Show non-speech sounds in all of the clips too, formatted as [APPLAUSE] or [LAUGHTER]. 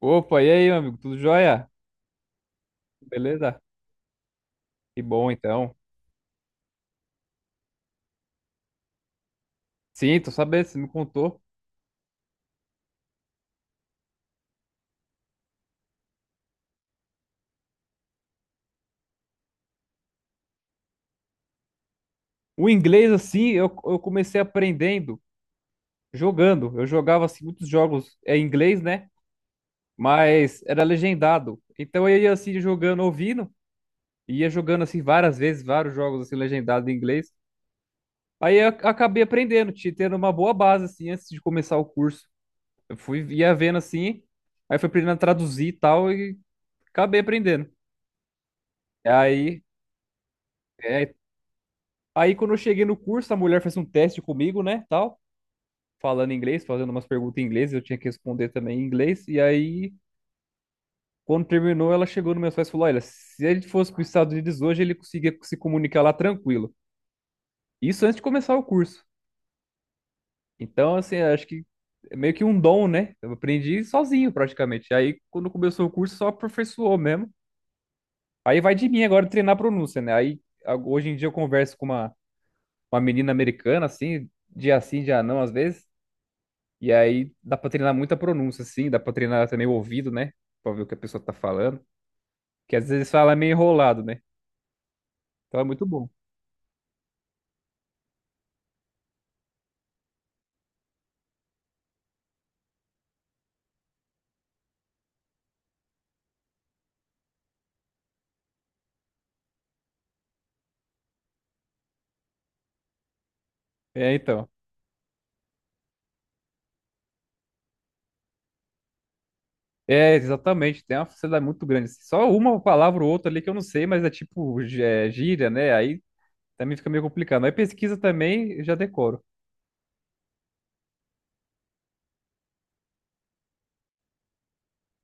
Opa, e aí, meu amigo? Tudo jóia? Beleza? Que bom, então. Sim, tô sabendo, você me contou. O inglês, assim, eu comecei aprendendo jogando. Eu jogava, assim, muitos jogos em inglês, né? Mas era legendado. Então eu ia, assim, jogando, ouvindo. E ia jogando, assim, várias vezes, vários jogos, assim, legendados em inglês. Aí eu acabei aprendendo, tendo uma boa base, assim, antes de começar o curso. Eu fui, ia vendo, assim, aí fui aprendendo a traduzir e tal, e acabei aprendendo. Aí... É. Aí quando eu cheguei no curso, a mulher fez um teste comigo, né, tal, falando inglês, fazendo umas perguntas em inglês, eu tinha que responder também em inglês. E aí, quando terminou, ela chegou nos meus pais e falou: "Olha, se ele fosse para os Estados Unidos hoje, ele conseguia se comunicar lá tranquilo". Isso antes de começar o curso. Então, assim, acho que é meio que um dom, né? Eu aprendi sozinho praticamente. Aí, quando começou o curso, só aperfeiçoou mesmo. Aí vai de mim agora treinar a pronúncia, né? Aí, hoje em dia eu converso com uma menina americana, assim, dia sim, dia não, às vezes. E aí dá pra treinar muita pronúncia, assim, dá pra treinar também o ouvido, né? Pra ver o que a pessoa tá falando. Que às vezes fala meio enrolado, né? Então é muito bom. É, então. É, exatamente, tem uma facilidade muito grande, assim. Só uma palavra ou outra ali que eu não sei, mas é tipo gíria, né? Aí também fica meio complicado. Aí pesquisa também, eu já decoro.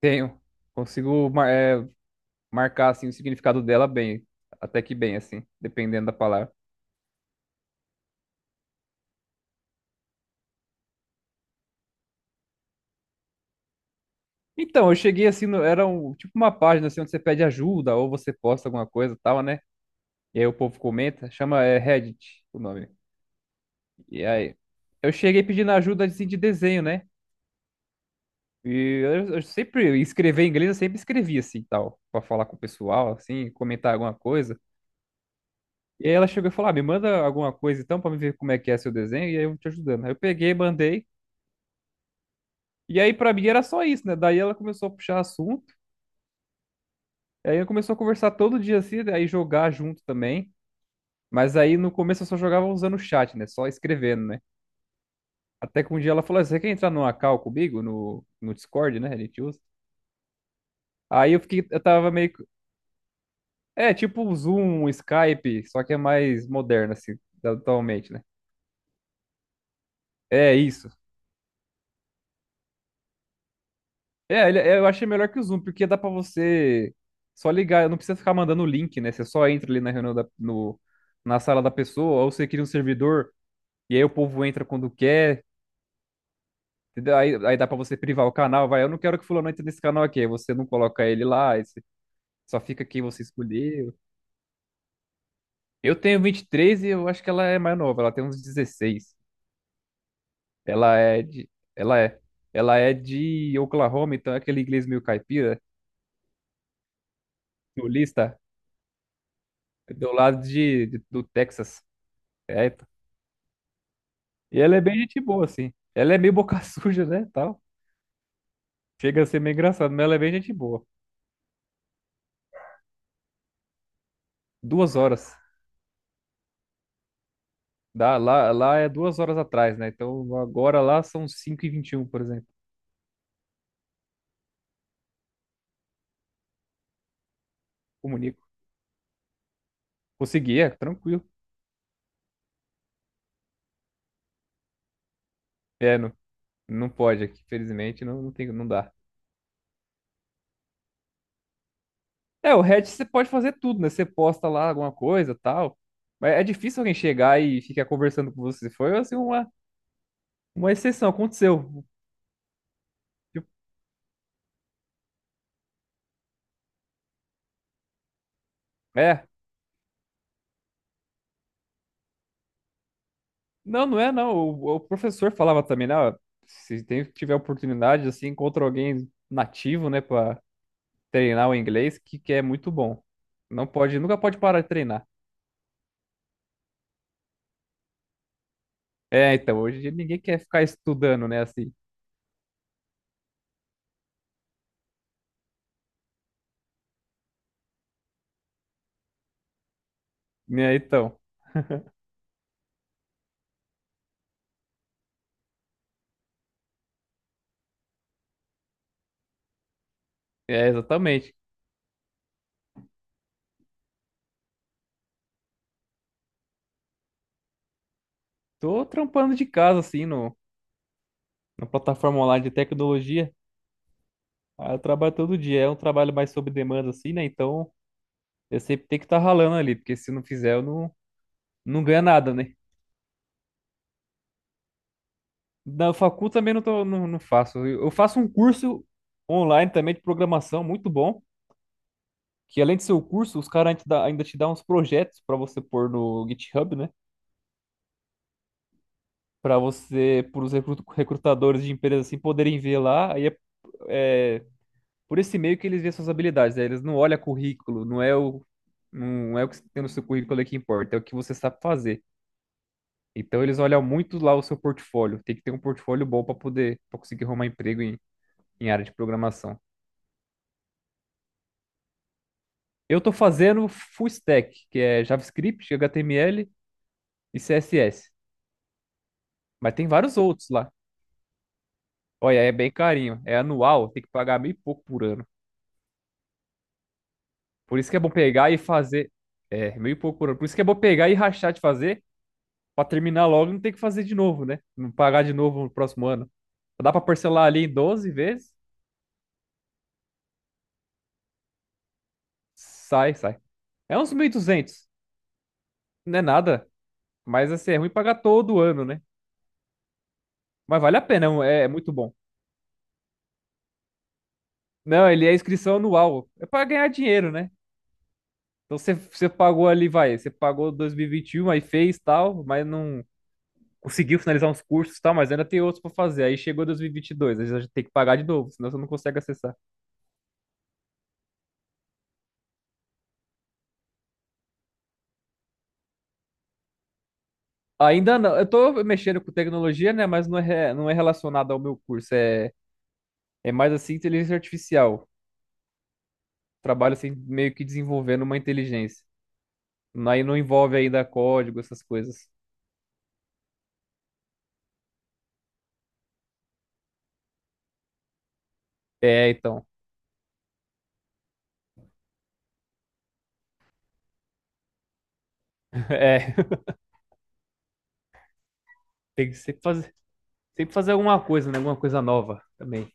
Tenho. Consigo marcar assim, o significado dela bem. Até que bem, assim, dependendo da palavra. Então, eu cheguei assim, era um, tipo uma página assim, onde você pede ajuda ou você posta alguma coisa e tal, né? E aí o povo comenta, chama Reddit o nome. E aí eu cheguei pedindo ajuda assim, de desenho, né? E eu sempre escrever em inglês, eu sempre escrevi assim, tal, pra falar com o pessoal, assim, comentar alguma coisa. E aí ela chegou e falou: "Ah, me manda alguma coisa então pra me ver como é que é seu desenho e aí eu vou te ajudando". Aí eu peguei, mandei. E aí pra mim era só isso, né? Daí ela começou a puxar assunto. Aí eu começou a conversar todo dia assim, aí jogar junto também. Mas aí no começo eu só jogava usando o chat, né? Só escrevendo, né? Até que um dia ela falou assim, você quer entrar numa call comigo no Discord, né? A gente usa. Aí eu fiquei, eu tava meio. É, tipo o Zoom, o Skype, só que é mais moderno, assim, atualmente, né? É isso. É, eu achei melhor que o Zoom, porque dá pra você só ligar, não precisa ficar mandando o link, né? Você só entra ali na reunião da, no, na sala da pessoa, ou você cria um servidor, e aí o povo entra quando quer, entendeu? Aí dá pra você privar o canal, vai, eu não quero que fulano entre nesse canal aqui, aí você não coloca ele lá, aí você só fica quem você escolher. Eu tenho 23 e três e eu acho que ela é mais nova, ela tem uns 16. Ela é de. Ela é. Ela é de Oklahoma, então é aquele inglês meio caipira, sulista, do lado do Texas. É, pô. E ela é bem gente boa, assim. Ela é meio boca [LAUGHS] suja, né? Tal. Chega a ser meio engraçado, mas ela é bem gente boa. 2 horas. Dá, lá é 2 horas atrás, né? Então agora lá são 5h21, por exemplo. Comunico. Consegui, tranquilo. É, não, não pode aqui, felizmente, não, não tem, não dá. É, o Reddit você pode fazer tudo, né? Você posta lá alguma coisa, tal. Mas é difícil alguém chegar e ficar conversando com você. Foi assim uma exceção, aconteceu. Tipo, é. Não, não é não. O professor falava também, né? Ó, se tiver oportunidade, assim, encontra alguém nativo, né, pra treinar o inglês, que é muito bom. Não pode, nunca pode parar de treinar. É, então, hoje em dia ninguém quer ficar estudando, né, assim. Né? Então. É, exatamente. Tô trampando de casa, assim, no, na plataforma online de tecnologia. Ah, eu trabalho todo dia, é um trabalho mais sob demanda, assim, né? Então eu sempre tenho que estar ralando ali, porque se não fizer, eu não, não ganho nada, né? Na facul também não, tô, não, não faço. Eu faço um curso online também de programação, muito bom. Que além de ser o curso, os caras ainda te dão uns projetos para você pôr no GitHub, né? Para os recrutadores de empresas assim poderem ver lá. Aí é por esse meio que eles veem suas habilidades, né? Eles não olham currículo, não é o que tem no seu currículo ali que importa, é o que você sabe fazer. Então eles olham muito lá o seu portfólio. Tem que ter um portfólio bom para poder, para conseguir arrumar emprego em área de programação. Eu tô fazendo full stack, que é JavaScript, HTML e CSS. Mas tem vários outros lá. Olha, é bem carinho. É anual, tem que pagar meio e pouco por ano. Por isso que é bom pegar e fazer. É, meio e pouco por ano. Por isso que é bom pegar e rachar de fazer, para terminar logo e não ter que fazer de novo, né? Não pagar de novo no próximo ano. Dá para parcelar ali em 12 vezes. Sai, sai. É uns 1.200. Não é nada. Mas assim, é ruim pagar todo ano, né? Mas vale a pena, é muito bom. Não, ele é inscrição anual. É para ganhar dinheiro, né? Então você pagou ali, vai, você pagou 2021, aí fez tal, mas não conseguiu finalizar uns cursos e tal, mas ainda tem outros para fazer. Aí chegou 2022, aí já tem que pagar de novo, senão você não consegue acessar. Ainda não, eu tô mexendo com tecnologia, né? Mas não é relacionado ao meu curso, é mais assim inteligência artificial. Trabalho assim, meio que desenvolvendo uma inteligência. Aí não envolve ainda código, essas coisas. É, então. É, [LAUGHS] tem que sempre fazer alguma coisa, né? Alguma coisa nova também.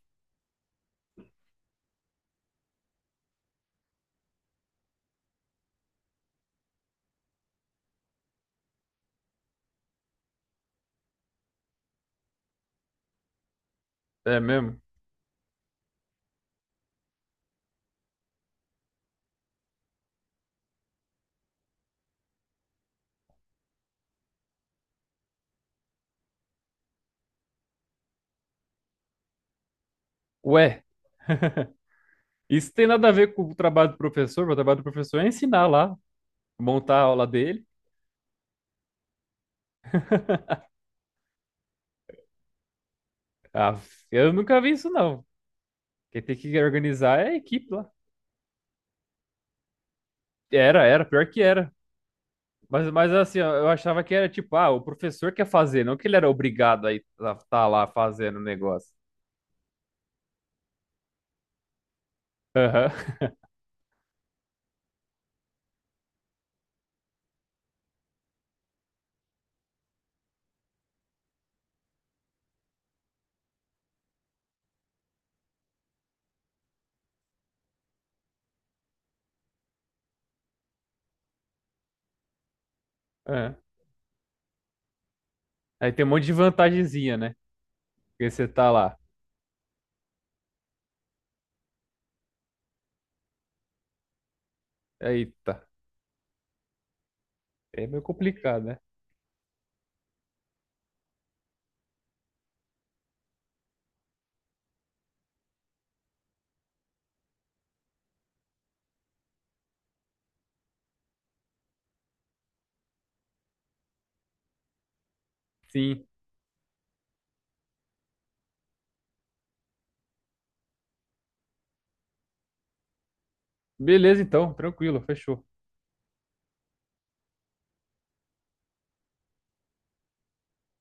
É mesmo? Ué, isso tem nada a ver com o trabalho do professor, mas o trabalho do professor é ensinar lá, montar a aula dele. Ah, eu nunca vi isso, não. Quem tem que organizar é a equipe lá. Era, era, pior que era. Mas assim, ó, eu achava que era tipo, ah, o professor quer fazer, não que ele era obrigado a estar tá lá fazendo o negócio. Aham. [LAUGHS] é. Aí tem um monte de vantagenzinha, né? Porque você tá lá. Eita, é meio complicado, né? Sim. Beleza, então, tranquilo, fechou.